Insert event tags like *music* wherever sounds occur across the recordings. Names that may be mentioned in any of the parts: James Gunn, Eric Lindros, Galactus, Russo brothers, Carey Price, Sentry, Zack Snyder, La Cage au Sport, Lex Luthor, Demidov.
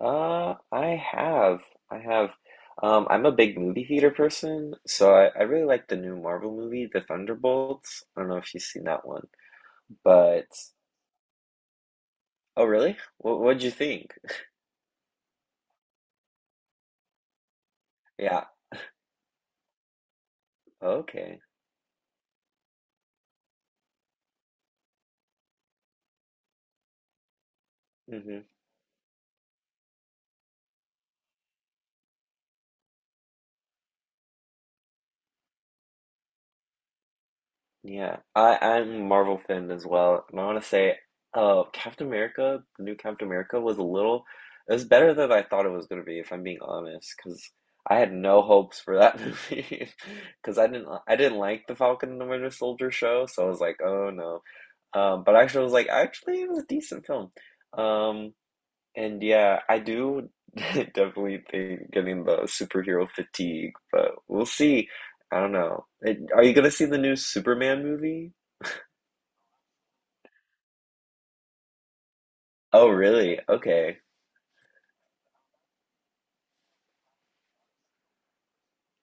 I have. I have. I'm a big movie theater person, so I really like the new Marvel movie, The Thunderbolts. I don't know if you've seen that one, but oh, really? What'd you think? Yeah. Okay. Mm-hmm. Yeah, I'm a Marvel fan as well, and I want to say, Captain America, the new Captain America was a little, it was better than I thought it was gonna be, if I'm being honest, because I had no hopes for that *laughs* movie, because I didn't like the Falcon and the Winter Soldier show, so I was like, oh no. But actually, I was like, actually, it was a decent film. Um, and yeah, I do *laughs* definitely think getting the superhero fatigue, but we'll see. I don't know. It, are you gonna see the new Superman movie? Oh, really? Okay.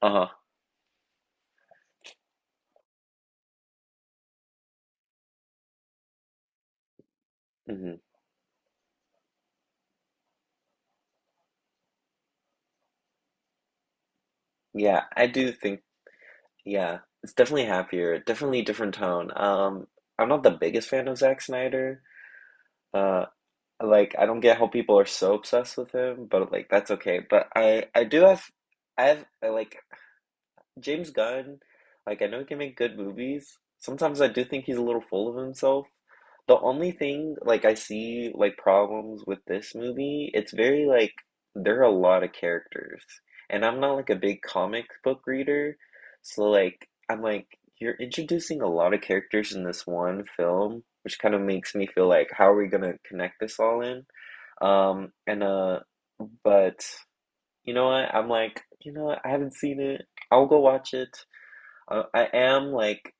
Uh-huh. Hmm. Yeah, I do think, yeah, it's definitely happier, definitely different tone. I'm not the biggest fan of Zack Snyder. Uh, like I don't get how people are so obsessed with him, but like that's okay. But I do have I have, like James Gunn, like I know he can make good movies. Sometimes I do think he's a little full of himself. The only thing like I see like problems with this movie, it's very like there are a lot of characters. And I'm not like a big comic book reader, so like I'm like you're introducing a lot of characters in this one film, which kind of makes me feel like how are we gonna connect this all in? And But you know what? I'm like, you know what? I haven't seen it. I'll go watch it. I am like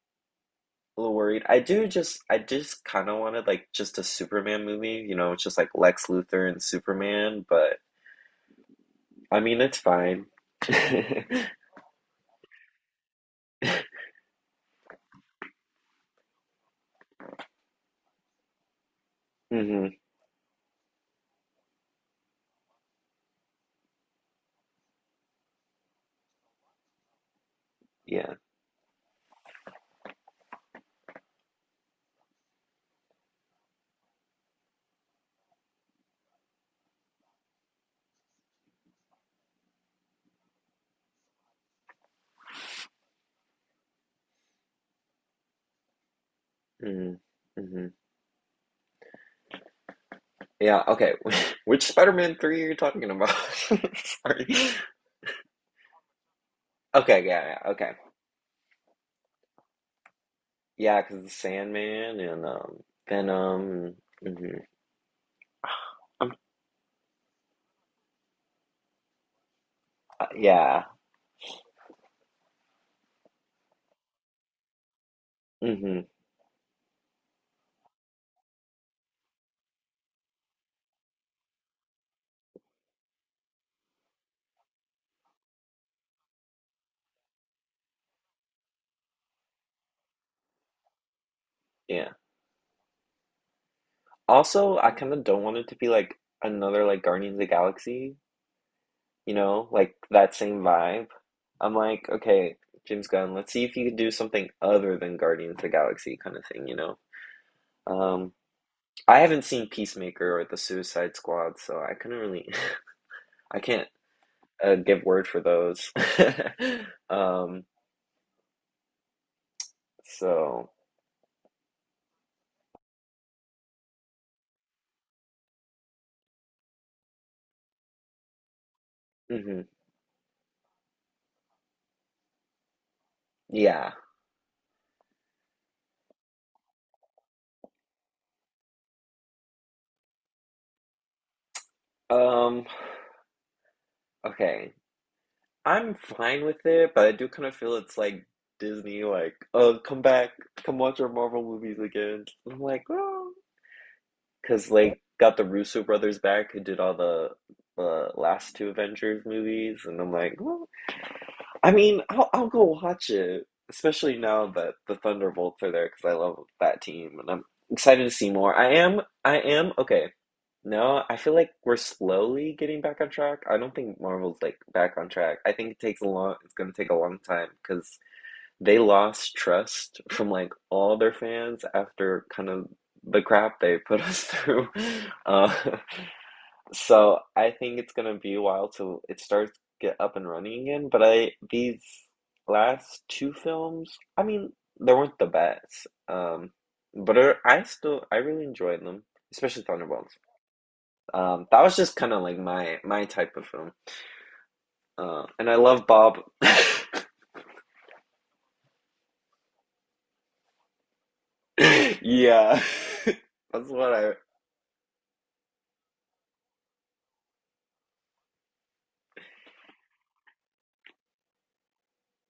a little worried. I just kind of wanted like just a Superman movie, you know, it's just like Lex Luthor and Superman, but I mean it's fine. *laughs* Hmm. Yeah. Hmm. Hmm. Yeah, okay. *laughs* Which Spider-Man 3 are you talking about? *laughs* Sorry. Okay, yeah, yeah, okay. Yeah, 'cause the Sandman and Venom. Hmm. I'm, yeah. Hmm. Yeah. Also, I kind of don't want it to be like another like Guardians of the Galaxy. You know, like that same vibe. I'm like, okay, James Gunn, let's see if you can do something other than Guardians of the Galaxy kind of thing, you know? Um, I haven't seen Peacemaker or The Suicide Squad, so I couldn't really, *laughs* I can't give word for those. *laughs* Um, so, hmm yeah. Um, okay. I'm fine with it, but I do kind of feel it's like Disney, like, oh, come back, come watch our Marvel movies again. I'm like, well. Because like got the Russo brothers back who did all the last two Avengers movies, and I'm like, well, I mean, I'll go watch it, especially now that the Thunderbolts are there because I love that team, and I'm excited to see more. I am okay. No, I feel like we're slowly getting back on track. I don't think Marvel's like back on track. I think it takes a long, it's gonna take a long time because they lost trust from like all their fans after kind of the crap they *laughs* put us through. Uh, so I think it's gonna be a while till it starts to get up and running again. But I these last two films, I mean, they weren't the best. But I still I really enjoyed them, especially Thunderbolts. That was just kind of like my type of film. And I love Bob. *laughs* Yeah, *laughs* that's what I.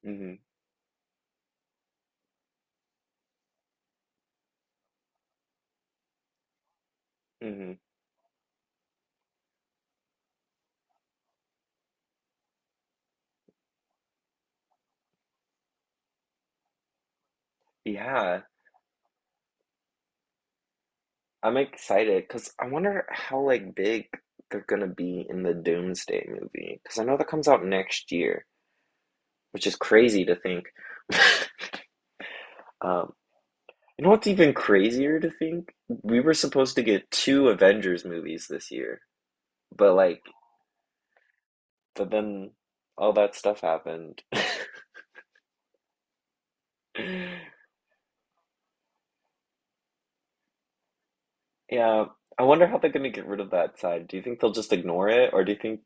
Mhm. Hmm. Yeah, I'm excited because I wonder how like big they're gonna be in the Doomsday movie because I know that comes out next year, which is crazy to think. *laughs* Um, you know what's even crazier to think? We were supposed to get two Avengers movies this year, but like, but then all that stuff happened. *laughs* Yeah, I wonder how they're gonna get rid of that side. Do you think they'll just ignore it, or do you think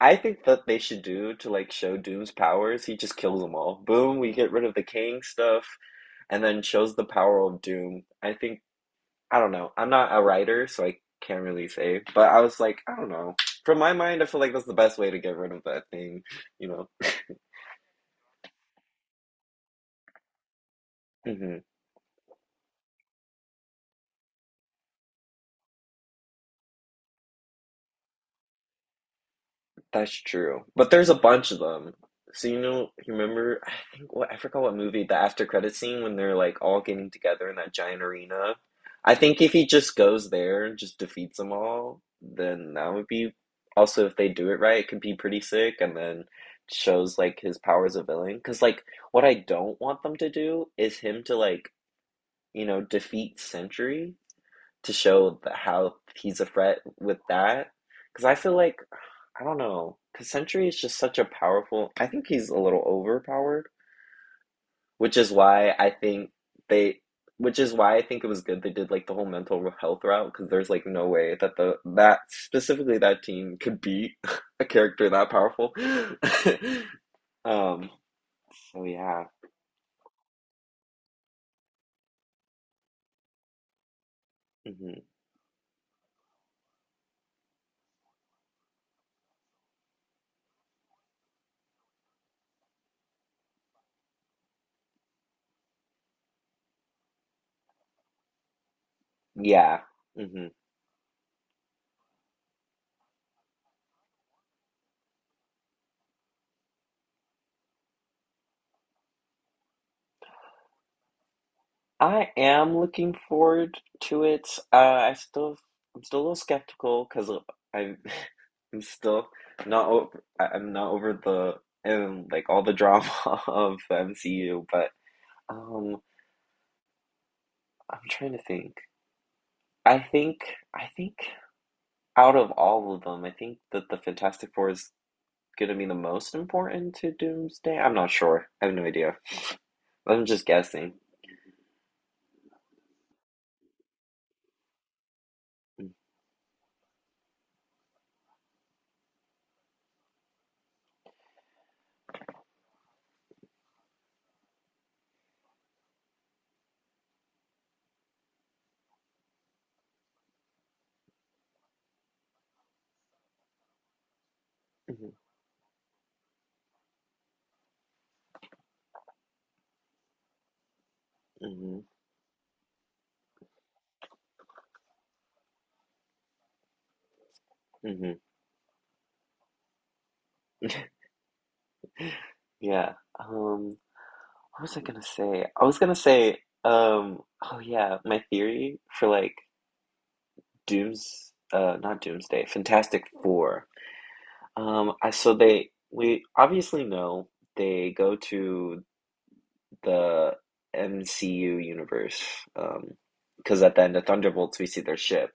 I think that they should do to like show Doom's powers, he just kills them all. Boom, we get rid of the king stuff, and then shows the power of Doom. I think I don't know. I'm not a writer, so I can't really say. But I was like, I don't know. From my mind, I feel like that's the best way to get rid of that thing, you know. Hmm. That's true. But there's a bunch of them. So you know, you remember, I think what I forgot what movie, the after credit scene when they're like all getting together in that giant arena. I think if he just goes there and just defeats them all, then that would be also if they do it right, it could be pretty sick and then shows like his power as a villain. Because like what I don't want them to do is him to like, you know, defeat Sentry to show that how he's a threat with that. Because I feel like, I don't know, because Sentry is just such a powerful. I think he's a little overpowered, which is why I think they. Which is why I think it was good they did like the whole mental health route because there's like no way that the that specifically that team could beat *laughs* a character that powerful. *laughs* Um. So yeah. Hmm. Yeah. Mm-hmm. I am looking forward to it. I still, I'm still a little skeptical because I'm, *laughs* I'm still not over, I'm not over the like all the drama *laughs* of the MCU. But um, I'm trying to think. I think, I think out of all of them, I think that the Fantastic Four is gonna be the most important to Doomsday. I'm not sure. I have no idea. I'm just guessing. Hmm. Hmm. Hmm. Yeah. Um. What was I gonna say? I was gonna say, um, oh yeah, my theory for like Dooms, not Doomsday, Fantastic Four. I so they we obviously know they go to the MCU universe, um, because at the end of Thunderbolts we see their ship.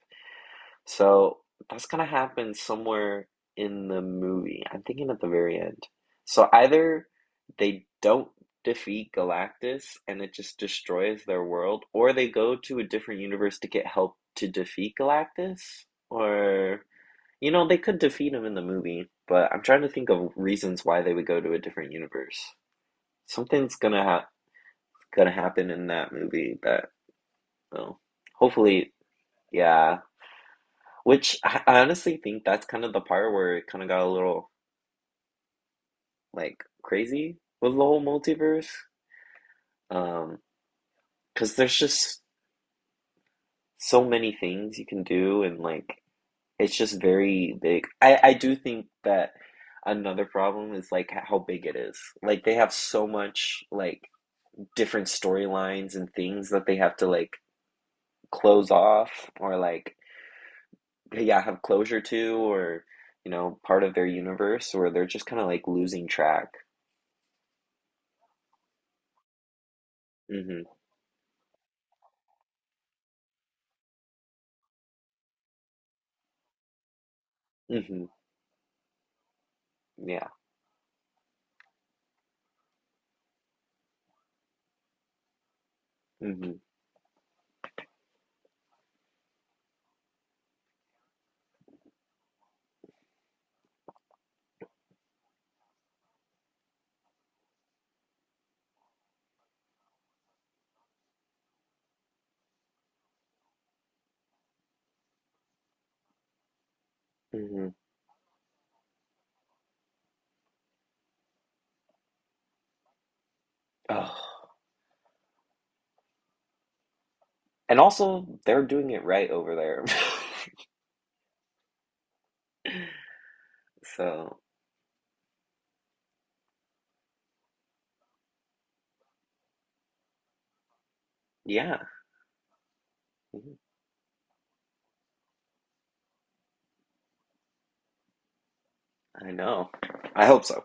So that's gonna happen somewhere in the movie. I'm thinking at the very end. So either they don't defeat Galactus and it just destroys their world, or they go to a different universe to get help to defeat Galactus, or you know, they could defeat him in the movie, but I'm trying to think of reasons why they would go to a different universe. Something's gonna happen in that movie that, well, hopefully, yeah. Which I honestly think that's kind of the part where it kind of got a little like crazy with the whole multiverse. Um, because there's just so many things you can do, and like it's just very big. I do think that another problem is like how big it is. Like they have so much like different storylines and things that they have to like close off or like yeah, have closure to or you know, part of their universe where they're just kind of like losing track. Hmm. Hmm. Yeah. Hmm. Hmm. Oh. And also, they're doing it right over there. *laughs* So, yeah, mm-hmm. I know. I hope so.